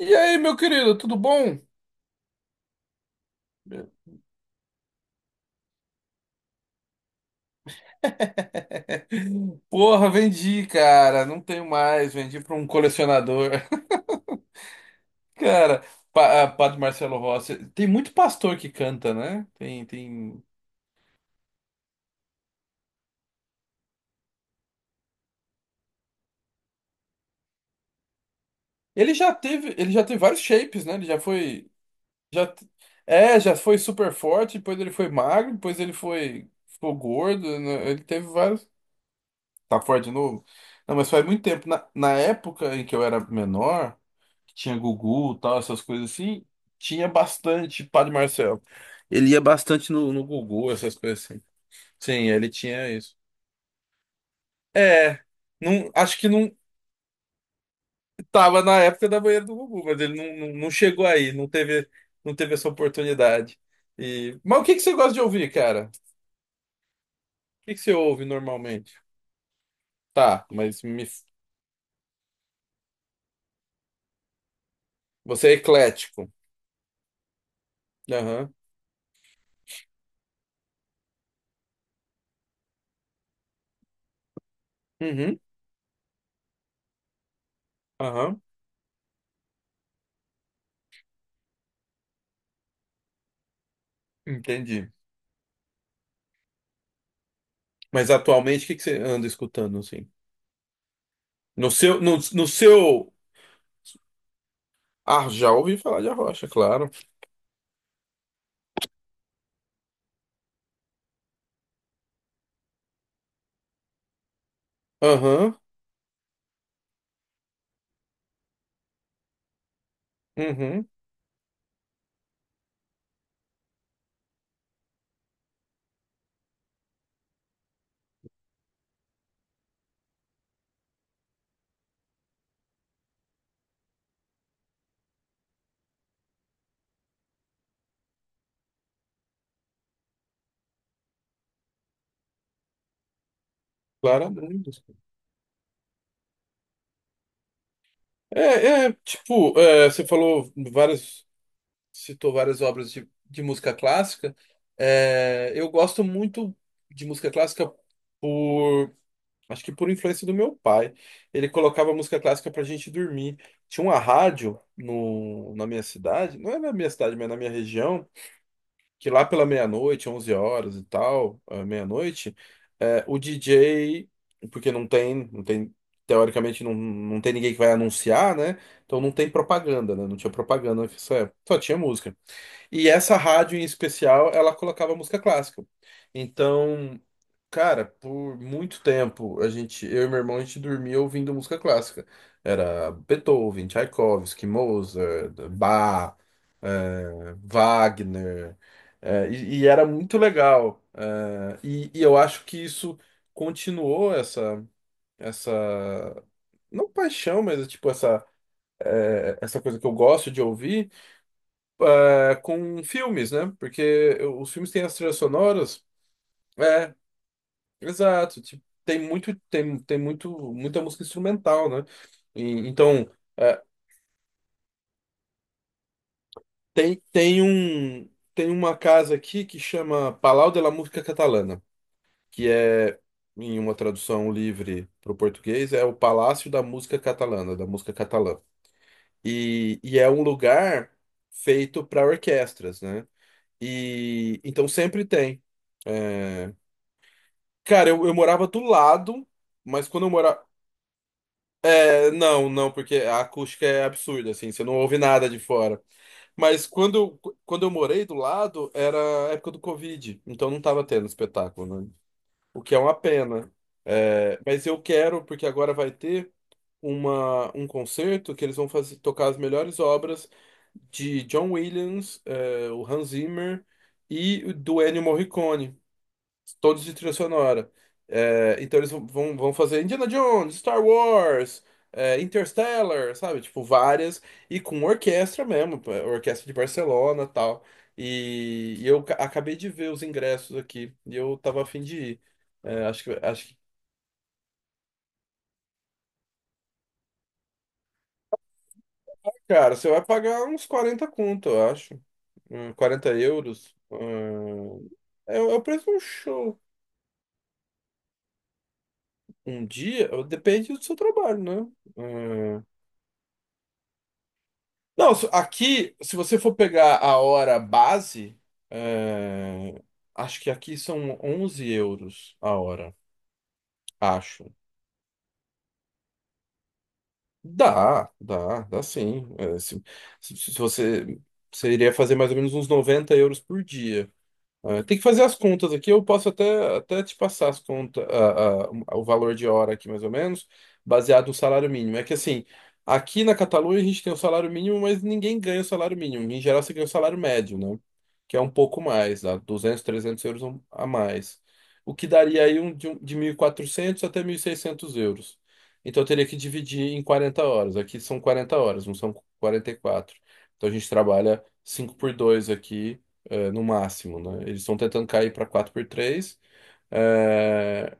E aí, meu querido, tudo bom? Porra, vendi, cara. Não tenho mais. Vendi para um colecionador. Cara, Padre Marcelo Rossi. Tem muito pastor que canta, né? Tem, tem. Ele já teve vários shapes, né? Ele já foi, já t- é, já foi super forte. Depois ele foi magro. Depois ele ficou gordo, né? Ele teve vários. Tá fora de novo? Não, mas faz muito tempo. Na época em que eu era menor, que tinha Gugu, tal, essas coisas assim, tinha bastante Padre Marcelo. Ele ia bastante no Gugu, essas coisas assim. Sim, ele tinha isso. É, não, acho que não tava na época da banheira do Gugu, mas ele não chegou aí, não teve essa oportunidade. E, mas o que que você gosta de ouvir, cara? O que que você ouve normalmente? Tá, você é eclético. Aham. Uhum. Aham. Entendi. Mas atualmente, o que que você anda escutando, assim? No seu, no, no seu... Ah, já ouvi falar de Arrocha, claro. Aham, uhum, claramente. Tipo, você falou várias. Citou várias obras de música clássica. É, eu gosto muito de música clássica. por... Acho que por influência do meu pai. Ele colocava música clássica pra gente dormir. Tinha uma rádio na minha cidade. Não é na minha cidade, mas na minha região que lá pela meia-noite, 11 horas e tal, meia-noite, o DJ, porque teoricamente não tem ninguém que vai anunciar, né? Então não tem propaganda, né? Não tinha propaganda nessa época, só tinha música. E essa rádio em especial, ela colocava música clássica. Então, cara, por muito tempo, a gente, eu e meu irmão, a gente dormia ouvindo música clássica. Era Beethoven, Tchaikovsky, Mozart, Bach, Wagner. E era muito legal. E eu acho que isso continuou essa, não paixão, mas tipo essa coisa que eu gosto de ouvir com filmes, né? Porque os filmes têm as trilhas sonoras. É, exato. Tipo, tem muito, tem, tem muito, muita música instrumental, né? E, então, é, tem, tem um, tem uma casa aqui que chama Palau de la Música Catalana, que é, em uma tradução livre para o português, é o Palácio da Música Catalana, da música catalã. E é um lugar feito para orquestras, né? E então sempre tem. Cara, eu morava do lado, mas quando eu morava. É, não, não, porque a acústica é absurda, assim, você não ouve nada de fora. Mas quando eu morei do lado, era a época do Covid, então não tava tendo espetáculo, né? O que é uma pena. É, mas eu quero, porque agora vai ter um concerto que eles vão fazer, tocar as melhores obras de John Williams, é, o Hans Zimmer e do Ennio Morricone, todos de trilha sonora. É, então eles vão fazer Indiana Jones, Star Wars, é, Interstellar, sabe? Tipo, várias, e com orquestra mesmo, pô, orquestra de Barcelona tal. E eu acabei de ver os ingressos aqui, e eu tava a fim de ir. É, acho que, cara, você vai pagar uns 40 conto, eu acho. 40 euros. É o é o preço de um show. Um dia, depende do seu trabalho, né? Não, aqui, se você for pegar a hora base, é, acho que aqui são 11 euros a hora, acho. Dá, dá, dá sim. É, se você iria fazer mais ou menos uns 90 euros por dia. Ah, tem que fazer as contas aqui. Eu posso até te passar as contas, o valor de hora aqui, mais ou menos, baseado no salário mínimo. É que assim, aqui na Catalunha a gente tem o salário mínimo, mas ninguém ganha o salário mínimo. Em geral, você ganha o salário médio, né? Que é um pouco mais, dá 200, 300 euros um, a mais. O que daria aí, um- de 1.400 até 1.600 euros. Então, eu teria que dividir em 40 horas. Aqui são 40 horas, não são 44. Então, a gente trabalha 5 por 2 aqui, é, no máximo, né? Eles estão tentando cair para quatro por três. É,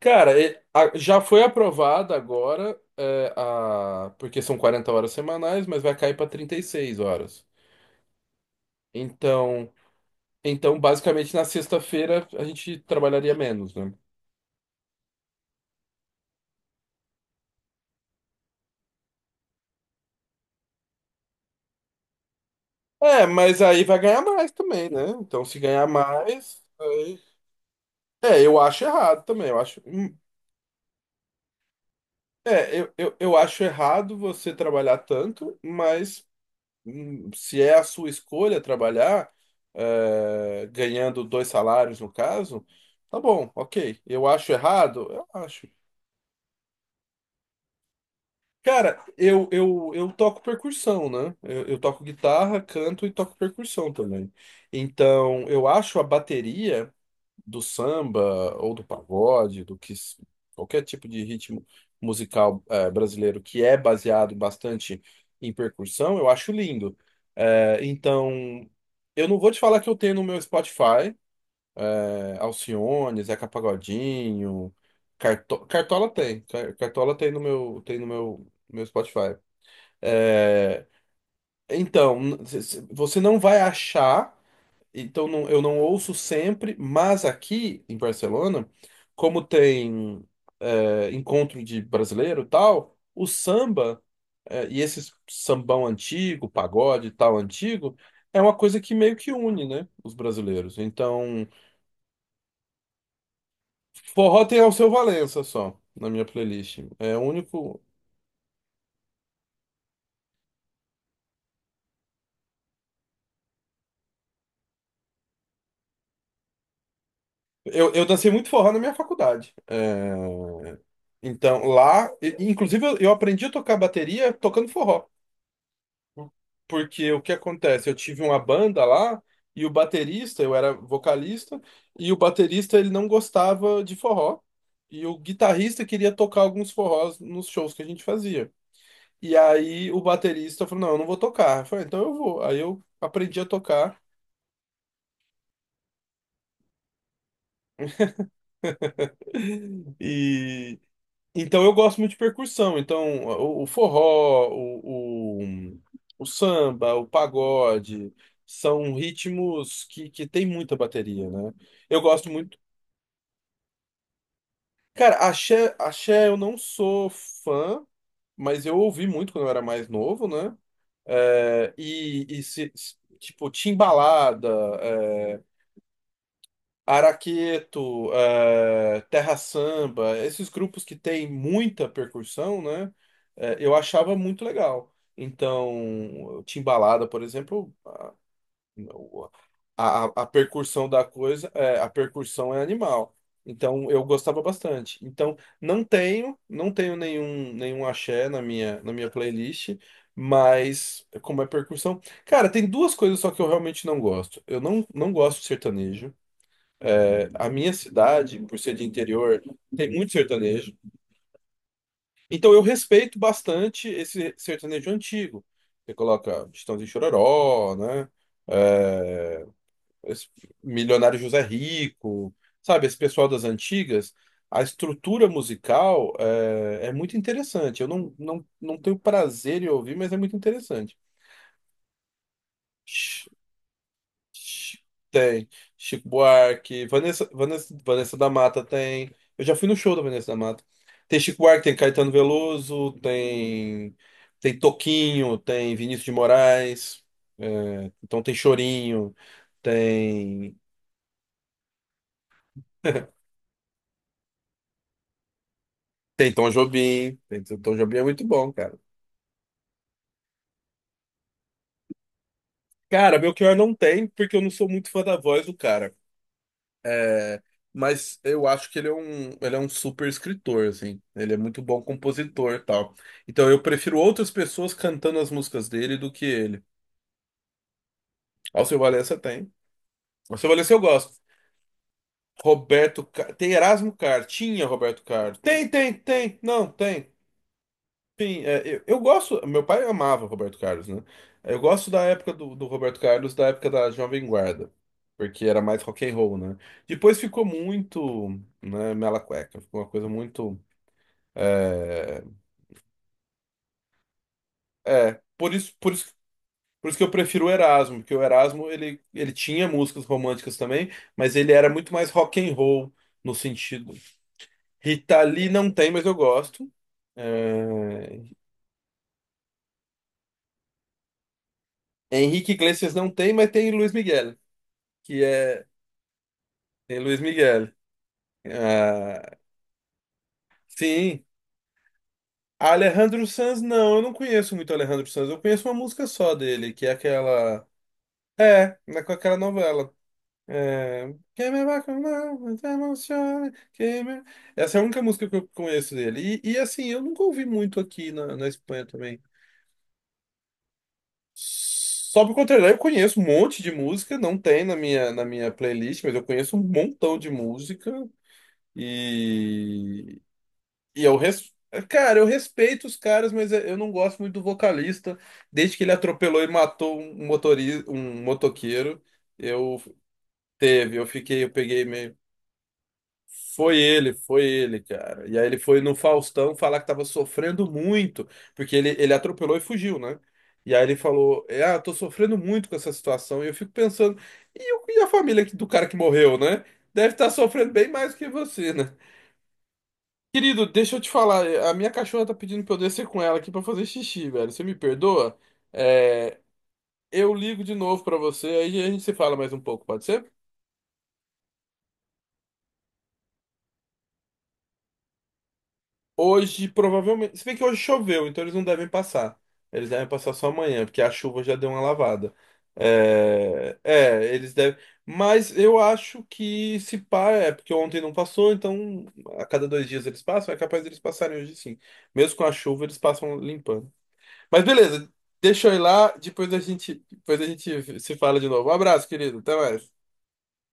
cara, já foi aprovada agora, é, a... porque são 40 horas semanais, mas vai cair para 36 horas. Então, então, basicamente, na sexta-feira a gente trabalharia menos, né? É, mas aí vai ganhar mais também, né? Então, se ganhar mais. É, eu acho errado também. Eu acho. É, eu acho errado você trabalhar tanto, mas, se é a sua escolha trabalhar, é, ganhando dois salários no caso, tá bom, ok. Eu acho errado? Eu acho. Cara, eu toco percussão, né? Eu toco guitarra, canto e toco percussão também. Então, eu acho a bateria do samba ou do pagode, qualquer tipo de ritmo musical, brasileiro, que é baseado bastante em percussão, eu acho lindo. Então, eu não vou te falar que eu tenho no meu Spotify, é, Alcione, Zeca Pagodinho, Cartola tem no meu, meu Spotify. É, Então, você não vai achar, então eu não ouço sempre, mas aqui em Barcelona, como tem encontro de brasileiro e tal, o samba, é, e esse sambão antigo, pagode e tal antigo, é uma coisa que meio que une, né, os brasileiros. Então, forró tem Alceu Valença só, na minha playlist. É o único. Eu dancei muito forró na minha faculdade. É, então, lá, inclusive, eu aprendi a tocar bateria tocando forró. Por- Porque o que acontece? Eu tive uma banda lá e o baterista, eu era vocalista, e o baterista ele não gostava de forró. E o guitarrista queria tocar alguns forrós nos shows que a gente fazia. E aí o baterista falou: Não, eu não vou tocar. Eu falei: Então eu vou. Aí eu aprendi a tocar. E então eu gosto muito de percussão. Então o forró, o, o samba, o pagode são ritmos que tem muita bateria, né? Eu gosto muito. Cara, axé, axé eu não sou fã, mas eu ouvi muito quando eu era mais novo, né? É, e se tipo, Timbalada, é, Araqueto, é, Terra Samba, esses grupos que tem muita percussão, né? É, eu achava muito legal. Então, Timbalada, por exemplo, o- a percussão da coisa, a percussão é animal. Então eu gostava bastante. Então não tenho nenhum axé na minha playlist, mas como é percussão, cara, tem duas coisas só que eu realmente não gosto. Eu não gosto de sertanejo. É, a minha cidade, por ser de interior, tem muito sertanejo. Então eu respeito bastante esse sertanejo antigo. Você coloca Chitãozinho e Chororó, né? É, esse milionário José Rico, sabe, esse pessoal das antigas, a estrutura musical é muito interessante. Eu não tenho prazer em ouvir, mas é muito interessante. Ch- ch- Tem Chico Buarque, Vanessa da Mata tem. Eu já fui no show da Vanessa da Mata. Tem Chico Buarque, tem Caetano Veloso, tem tem Toquinho, tem Vinícius de Moraes, é, então tem Chorinho. Tem Tem Tom Jobim. Tem Tom Jobim, é muito bom, cara. Cara, Belchior não tem, porque eu não sou muito fã da voz do cara. É, mas eu acho que ele é um super escritor, assim. Ele é muito bom compositor e tal. Então eu prefiro outras pessoas cantando as músicas dele do que ele. Alceu Valença tem. Alceu Valença eu gosto. Tem Erasmo Carr. Tinha Roberto Carlos. Tem, tem, tem. Não, tem. Sim, é, eu gosto. Meu pai amava Roberto Carlos, né? Eu gosto da época do do Roberto Carlos, da época da Jovem Guarda, porque era mais rock and roll, né? Depois ficou muito, né, mela cueca, ficou uma coisa muito. É, é, por isso, por isso, por isso que eu prefiro o Erasmo, porque o Erasmo, ele tinha músicas românticas também, mas ele era muito mais rock and roll no sentido. Rita Lee não tem, mas eu gosto. É, Henrique Iglesias não tem, mas tem Luiz Miguel. Que é Tem Luiz Miguel. Ah, sim. Alejandro Sanz, não, eu não conheço muito Alejandro Sanz. Eu conheço uma música só dele, que é aquela. É, né, com aquela novela. Quem me apaixonar, mas emociona, essa é a única música que eu conheço dele. E, assim, eu nunca ouvi muito aqui na, na Espanha também. Só por contrário, eu conheço um monte de música, não tem na minha playlist, mas eu conheço um montão de música. E, E eu res... Cara, eu respeito os caras, mas eu não gosto muito do vocalista. Desde que ele atropelou e matou um motorista, um motoqueiro, eu teve, eu fiquei, eu peguei meio. Foi ele, cara. E aí ele foi no Faustão falar que tava sofrendo muito, porque ele atropelou e fugiu, né? E aí ele falou, é, ah, eu tô sofrendo muito com essa situação. E eu fico pensando, e a família do cara que morreu, né? Deve estar sofrendo bem mais que você, né? Querido, deixa eu te falar, a minha cachorra tá pedindo pra eu descer com ela aqui pra fazer xixi, velho. Você me perdoa? É, eu ligo de novo pra você, aí a gente se fala mais um pouco, pode ser? Hoje, provavelmente. Se bem que hoje choveu, então eles não devem passar. Eles devem passar só amanhã, porque a chuva já deu uma lavada. É, é, eles devem. Mas eu acho que se pá, é porque ontem não passou, então a cada 2 dias eles passam, é capaz deles passarem hoje sim. Mesmo com a chuva, eles passam limpando. Mas beleza, deixa eu ir lá, depois a gente se fala de novo. Um abraço, querido. Até mais.